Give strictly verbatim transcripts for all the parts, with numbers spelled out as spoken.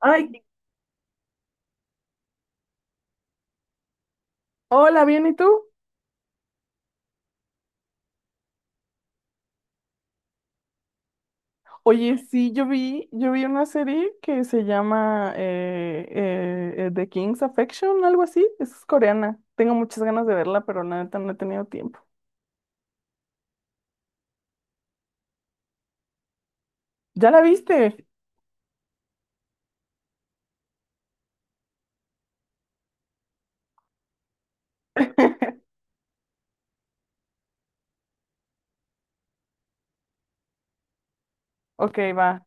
Ay, hola, ¿bien y tú? Oye, sí, yo vi, yo vi una serie que se llama eh, eh, eh, The King's Affection, algo así. Es coreana. Tengo muchas ganas de verla, pero la neta no he tenido tiempo. ¿Ya la viste? Ok, va,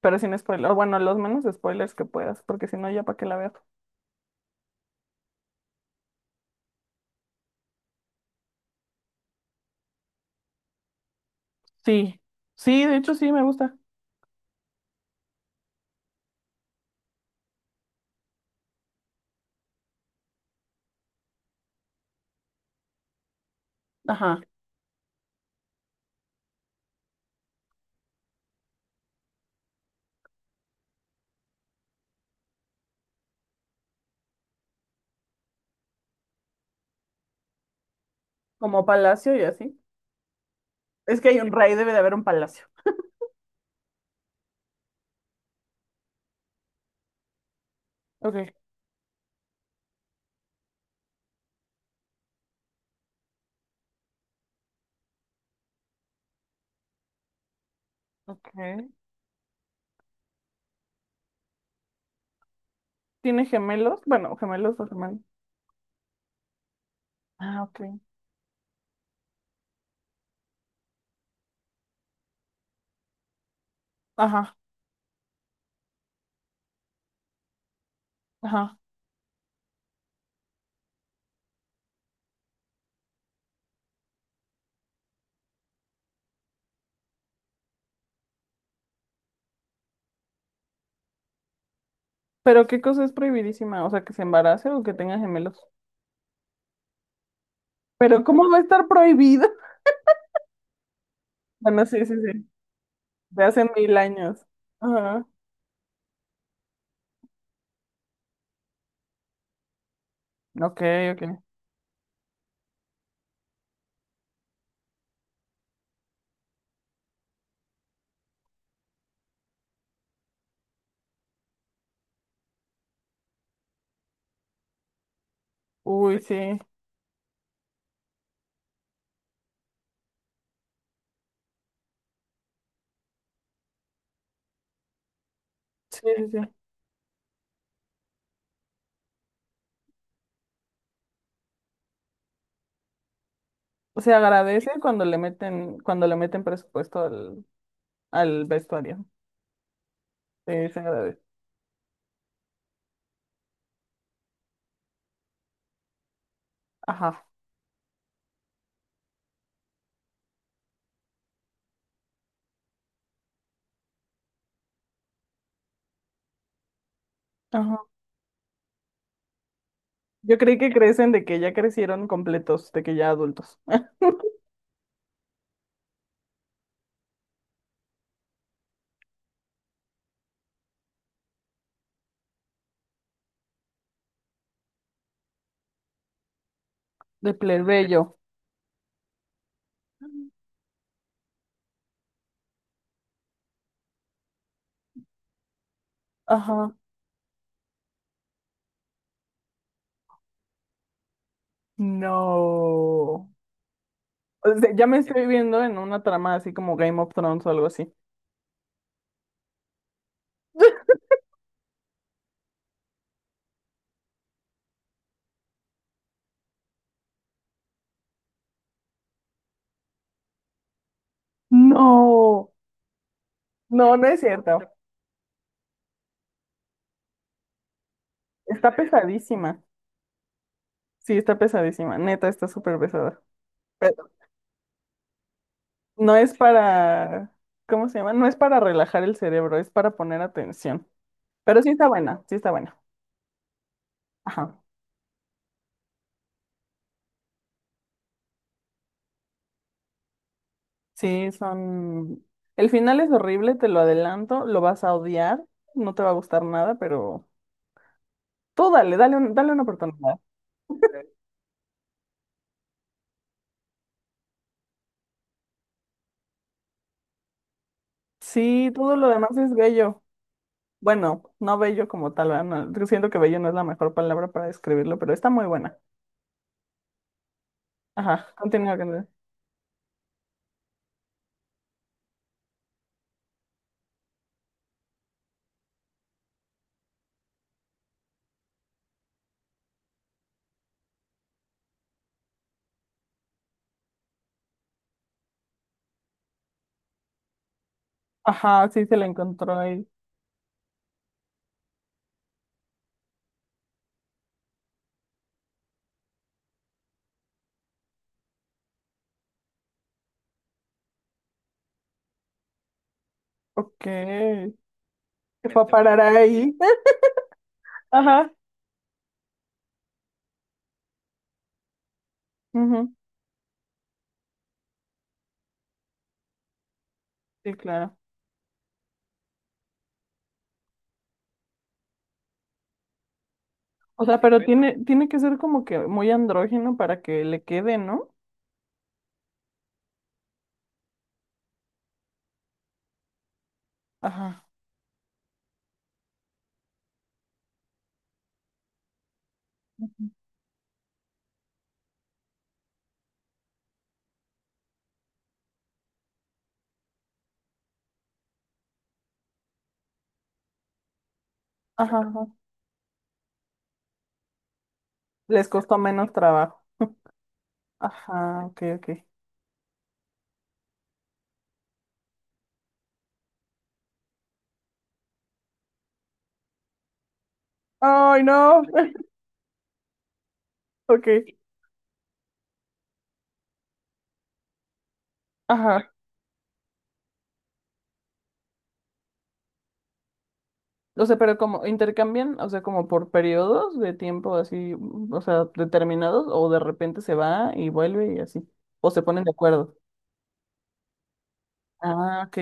pero sin spoilers. Bueno, los menos spoilers que puedas, porque si no, ya para qué la veo. Sí, sí, de hecho sí, me gusta. Ajá. Como palacio y así. Es que hay un rey, debe de haber un palacio. Ok. Ok. ¿Tiene gemelos? Bueno, gemelos o gemelos. Ah, ok. Ajá. Ajá. Pero qué cosa es prohibidísima, o sea, que se embarace o que tenga gemelos. Pero ¿cómo va a estar prohibido? Bueno, sí, sí, sí. De hace mil años. Ajá. Ok, ok. Uy, sí. Sí, sí, sí. Se agradece cuando le meten, cuando le meten presupuesto al, al vestuario. Sí, se agradece. Ajá. Ajá. Yo creí que crecen de que ya crecieron completos, de que ya adultos. De plebeyo. Ajá. No. O sea, ya me estoy viendo en una trama así como Game of Thrones o algo así. No, no, no es cierto. Está pesadísima. Sí, está pesadísima. Neta, está súper pesada. Pero no es para, ¿cómo se llama? No es para relajar el cerebro, es para poner atención. Pero sí está buena, sí está buena. Ajá. Sí, son... El final es horrible, te lo adelanto, lo vas a odiar, no te va a gustar nada, pero tú dale, dale, un- dale una oportunidad. Sí, todo lo demás es bello. Bueno, no bello como tal, ¿verdad? No, yo siento que bello no es la mejor palabra para describirlo, pero está muy buena. Ajá, continúa. Continúa. Ajá, sí, se la encontró ahí. Ok, que fue a parar ahí. Ajá, ujú. Sí, claro. O sea, pero bueno, tiene, tiene que ser como que muy andrógeno para que le quede, ¿no? Ajá, ajá, ajá. Les costó menos trabajo. Ajá, ok, ok. Ay, no. Ok, ajá. O sea, pero como intercambian, o sea, como por periodos de tiempo así, mm, o sea, determinados, o de repente se va y vuelve y así, o se ponen de acuerdo. Ah, ok.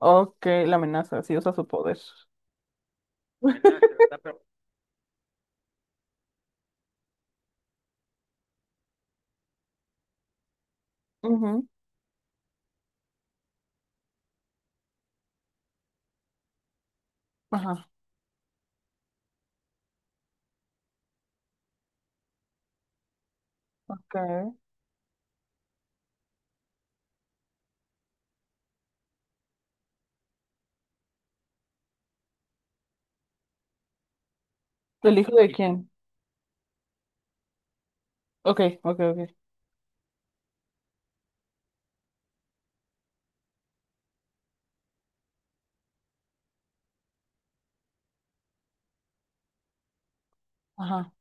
Ok, la amenaza, sí usa su poder. Amenaza. Ujú. Ajá, ok. ¿El hijo de sí, quién? Ok, ok, ok. Ajá.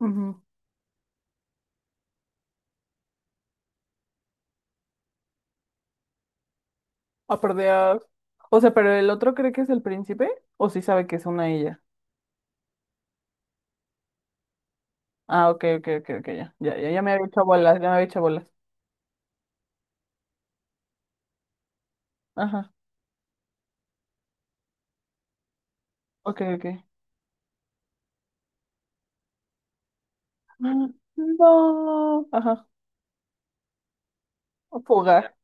Ujú. Ah, por Dios. O sea, pero el otro cree que es el príncipe, o sí sabe que es una ella. Ah, ok, ok, ok, ok, ya. Ya, ya, ya me había hecho bolas, ya me había hecho bolas. Ajá, ok, ok. Ah. No. Ajá. Fugar.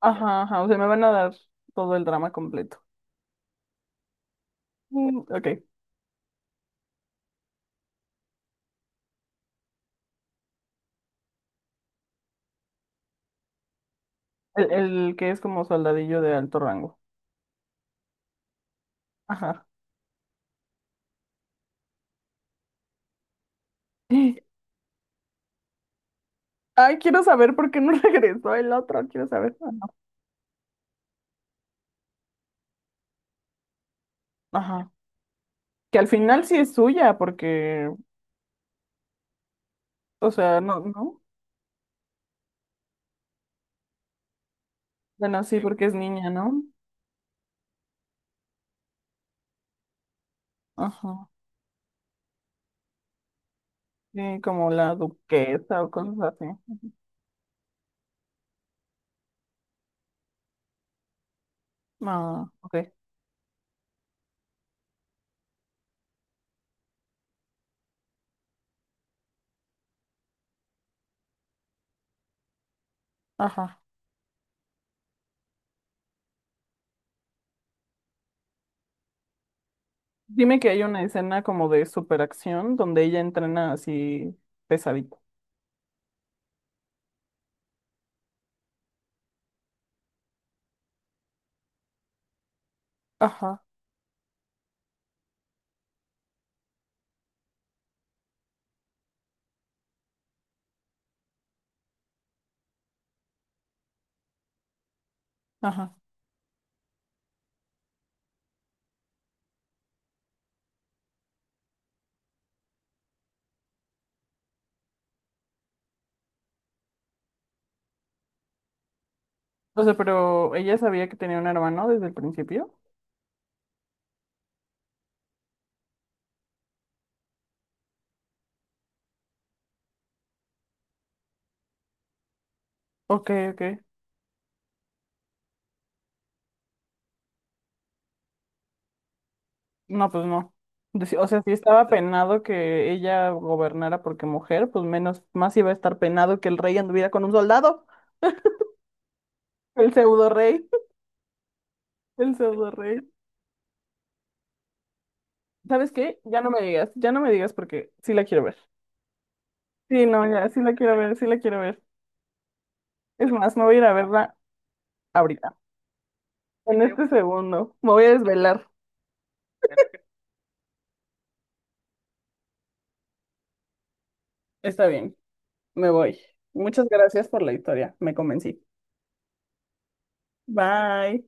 Ajá, ajá. O sea, me van a dar todo el drama completo. Mm, ok. El, el que es como soldadillo de alto rango. Ajá. Ay, quiero saber por qué no regresó el otro. Quiero saber. Ah, no. Ajá. Que al final sí es suya, porque, o sea, no, no. Bueno, sí, porque es niña, ¿no? Ajá. Sí, como la duquesa o cosas así. Ah, ok. Ajá. Dime que hay una escena como de superacción donde ella entrena así pesadito. Ajá, ajá. O sea, pero ella sabía que tenía un hermano desde el principio. Ok, ok. No, pues no. Deci- O sea, si estaba penado que ella gobernara porque mujer, pues menos, más iba a estar penado que el rey anduviera con un soldado. El pseudo rey. El pseudo rey. ¿Sabes qué? Ya no me digas, ya no me digas porque sí la quiero ver. Sí, no, ya, sí la quiero ver, sí la quiero ver. Es más, me voy a ir a verla ahorita. En este segundo, me voy a desvelar. Está bien, me voy. Muchas gracias por la historia, me convencí. Bye.